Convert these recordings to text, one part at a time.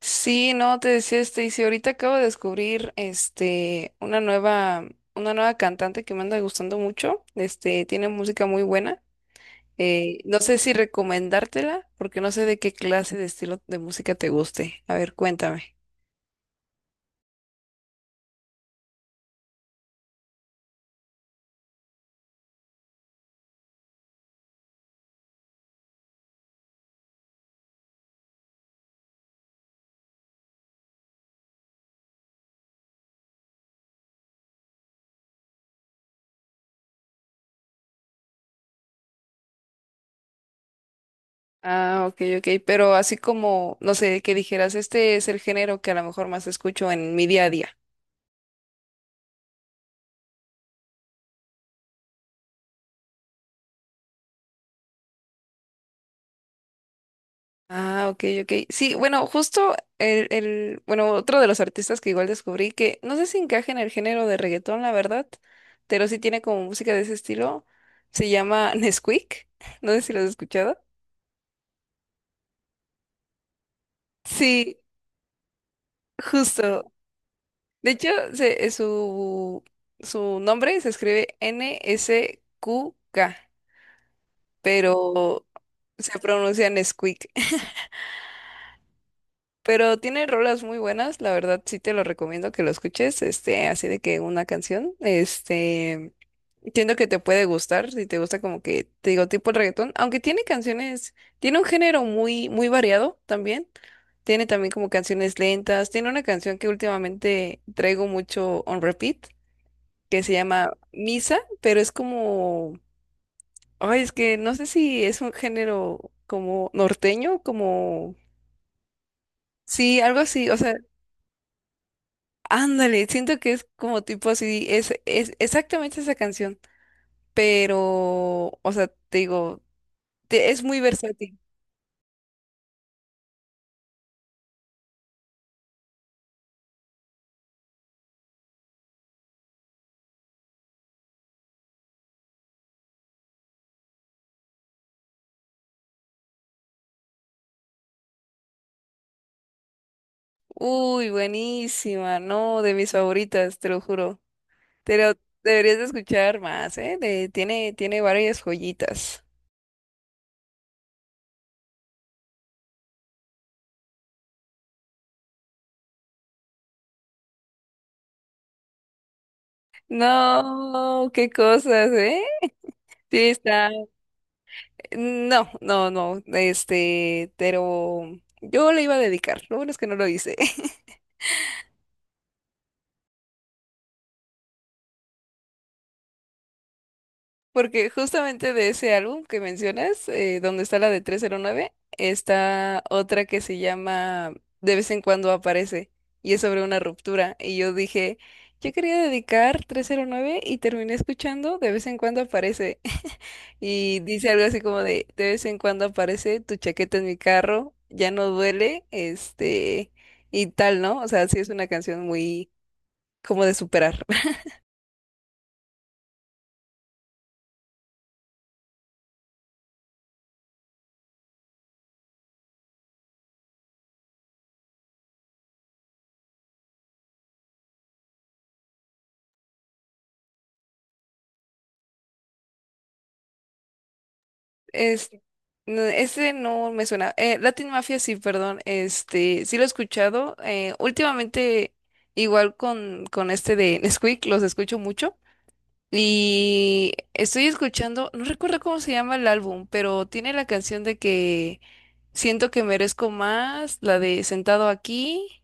Sí, no, te decía y si ahorita acabo de descubrir una nueva cantante que me anda gustando mucho, tiene música muy buena. No sé si recomendártela, porque no sé de qué clase de estilo de música te guste. A ver, cuéntame. Ah, ok, ok, pero así como, no sé, que dijeras, este es el género que a lo mejor más escucho en mi día a día. Ah, ok, ok. Sí, bueno, justo bueno, otro de los artistas que igual descubrí que no sé si encaja en el género de reggaetón, la verdad, pero sí tiene como música de ese estilo. Se llama Nesquik. No sé si lo has escuchado. Sí, justo. De hecho, se- eh, su, su nombre se escribe N-S-Q-K, pero se pronuncia Nesquik. Pero tiene rolas muy buenas, la verdad sí te lo recomiendo que lo escuches, así de que una canción, entiendo que te puede gustar, si te gusta como que, te digo, tipo el reggaetón, aunque tiene canciones, tiene un género muy, muy variado también, tiene también como canciones lentas, tiene una canción que últimamente traigo mucho on repeat, que se llama Misa, pero es como, ay, es que no sé si es un género como norteño, como, sí, algo así, o sea... Ándale, siento que es como tipo así, es exactamente esa canción, pero, o sea, te digo, es muy versátil. Uy, buenísima, no, de mis favoritas, te lo juro. Pero deberías de escuchar más, ¿eh? Tiene, tiene varias joyitas. No, qué cosas, ¿eh? Sí, está. No, no, no, pero yo le iba a dedicar, lo bueno es que no lo hice. Porque justamente de ese álbum que mencionas, donde está la de 309, está otra que se llama De vez en cuando aparece y es sobre una ruptura. Y yo dije, yo quería dedicar 309 y terminé escuchando De vez en cuando aparece. Y dice algo así como de vez en cuando aparece tu chaqueta en mi carro, ya no duele, y tal, ¿no? O sea, sí es una canción muy como de superar. Es, no, ese no me suena. Latin Mafia, sí, perdón. Sí lo he escuchado. Últimamente, igual con este de Nesquik, los escucho mucho. Y estoy escuchando, no recuerdo cómo se llama el álbum, pero tiene la canción de que siento que merezco más, la de Sentado aquí.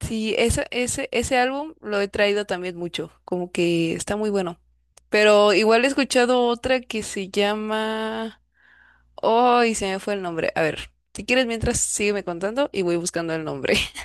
Sí, esa, ese álbum lo he traído también mucho, como que está muy bueno. Pero igual he escuchado otra que se llama... Ay, se me fue el nombre. A ver, si quieres, mientras sígueme contando y voy buscando el nombre.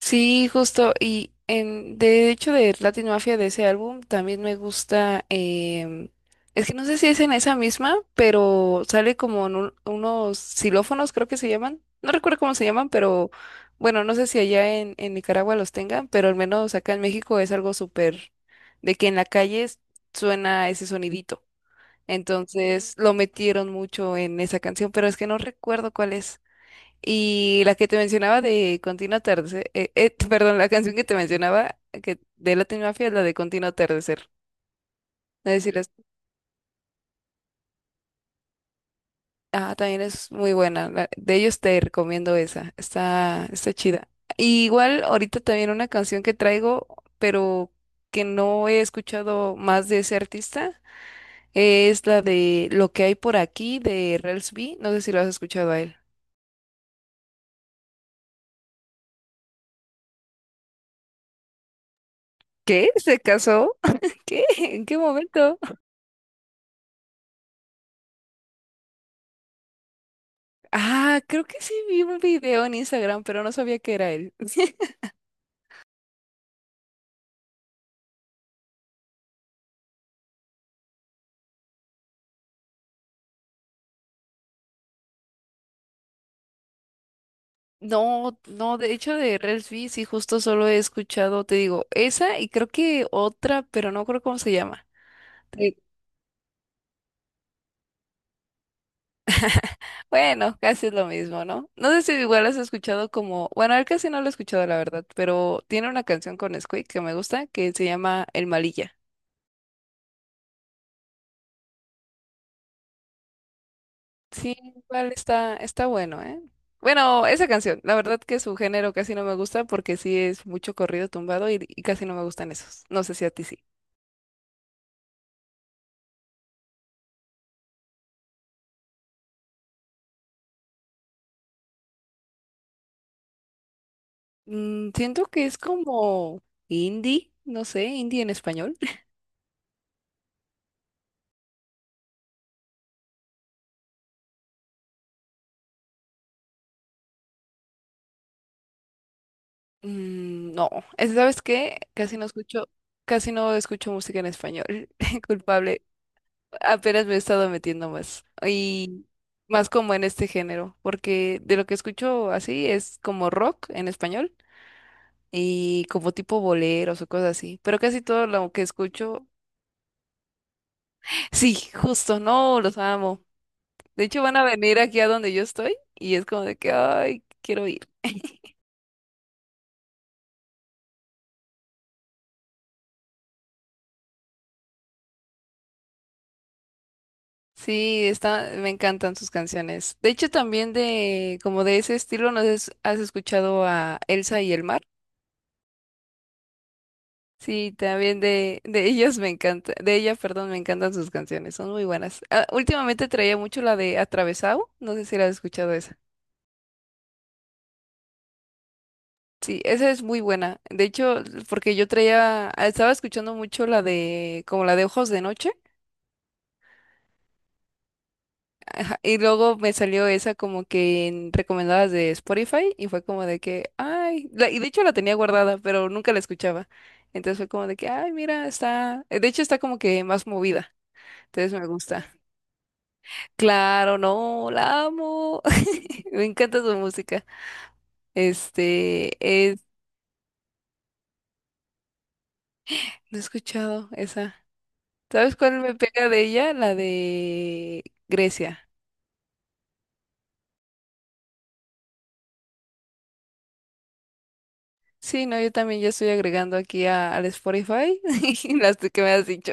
Sí, justo. Y en, de hecho, de Latin Mafia, de ese álbum, también me gusta. Es que no sé si es en esa misma, pero sale como en unos xilófonos, creo que se llaman. No recuerdo cómo se llaman, pero bueno, no sé si allá en Nicaragua los tengan, pero al menos acá en México es algo súper de que en la calle suena ese sonidito. Entonces lo metieron mucho en esa canción, pero es que no recuerdo cuál es. Y la que te mencionaba de Continuo Atardecer, perdón, la canción que te mencionaba que de Latin Mafia es la de Continuo Atardecer. Es decir, ah, también es muy buena. De ellos te recomiendo esa, está, está chida. Y igual ahorita también una canción que traigo, pero que no he escuchado más de ese artista, es la de Lo que hay por aquí de Rels B. No sé si lo has escuchado a él. ¿Qué? ¿Se casó? ¿Qué? ¿En qué momento? Ah, creo que sí vi un video en Instagram, pero no sabía que era él. No, no, de hecho de Reels B, sí, justo solo he escuchado, te digo, esa y creo que otra, pero no creo cómo se llama. Sí. Bueno, casi es lo mismo, ¿no? No sé si igual has escuchado como, bueno, él casi no lo he escuchado, la verdad, pero tiene una canción con Squeak que me gusta que se llama El Malilla. Sí, igual está, está bueno, ¿eh? Bueno, esa canción, la verdad que su género casi no me gusta porque sí es mucho corrido tumbado y casi no me gustan esos. No sé si a ti sí. Mm, siento que es como indie, no sé, indie en español. Mm, no, ¿sabes qué? Casi no escucho música en español. Culpable. Apenas me he estado metiendo más. Y más como en este género, porque de lo que escucho así es como rock en español. Y como tipo boleros o cosas así. Pero casi todo lo que escucho, sí, justo, no, los amo. De hecho, van a venir aquí a donde yo estoy y es como de que, ay, quiero ir. Sí, está, me encantan sus canciones. De hecho, también de, como de ese estilo, no sé si has escuchado a Elsa y el mar. Sí, también de ellos me encanta, de ella, perdón, me encantan sus canciones, son muy buenas. Ah, últimamente traía mucho la de Atravesado, no sé si la has escuchado esa. Sí, esa es muy buena. De hecho, porque yo traía, ah, estaba escuchando mucho la de, como la de Ojos de Noche, ajá, y luego me salió esa como que en recomendadas de Spotify, y fue como de que, ay, y de hecho la tenía guardada, pero nunca la escuchaba. Entonces fue como de que, ay, mira, está, de hecho está como que más movida, entonces me gusta. Claro, no, la amo. Me encanta su música. Este, es, no he escuchado esa. ¿Sabes cuál me pega de ella? La de Grecia. Sí, no, yo también ya estoy agregando aquí al Spotify las que me has dicho.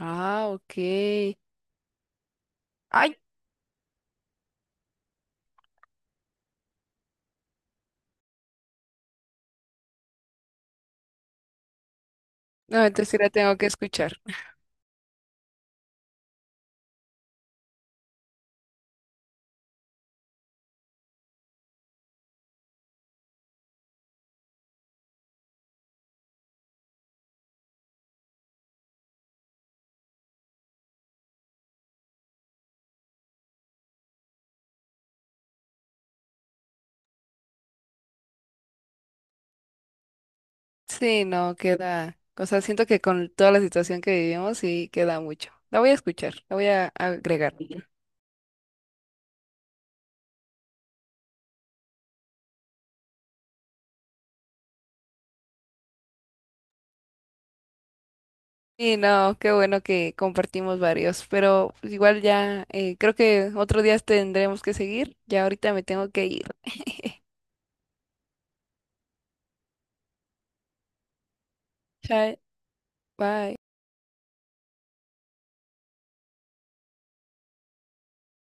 Ah, ok. Ay, no, entonces sí la tengo que escuchar. Sí, no, queda. O sea, siento que con toda la situación que vivimos, sí queda mucho. La voy a escuchar, la voy a agregar. Sí, no, qué bueno que compartimos varios, pero pues, igual ya creo que otro día tendremos que seguir. Ya ahorita me tengo que ir. Chao, bye.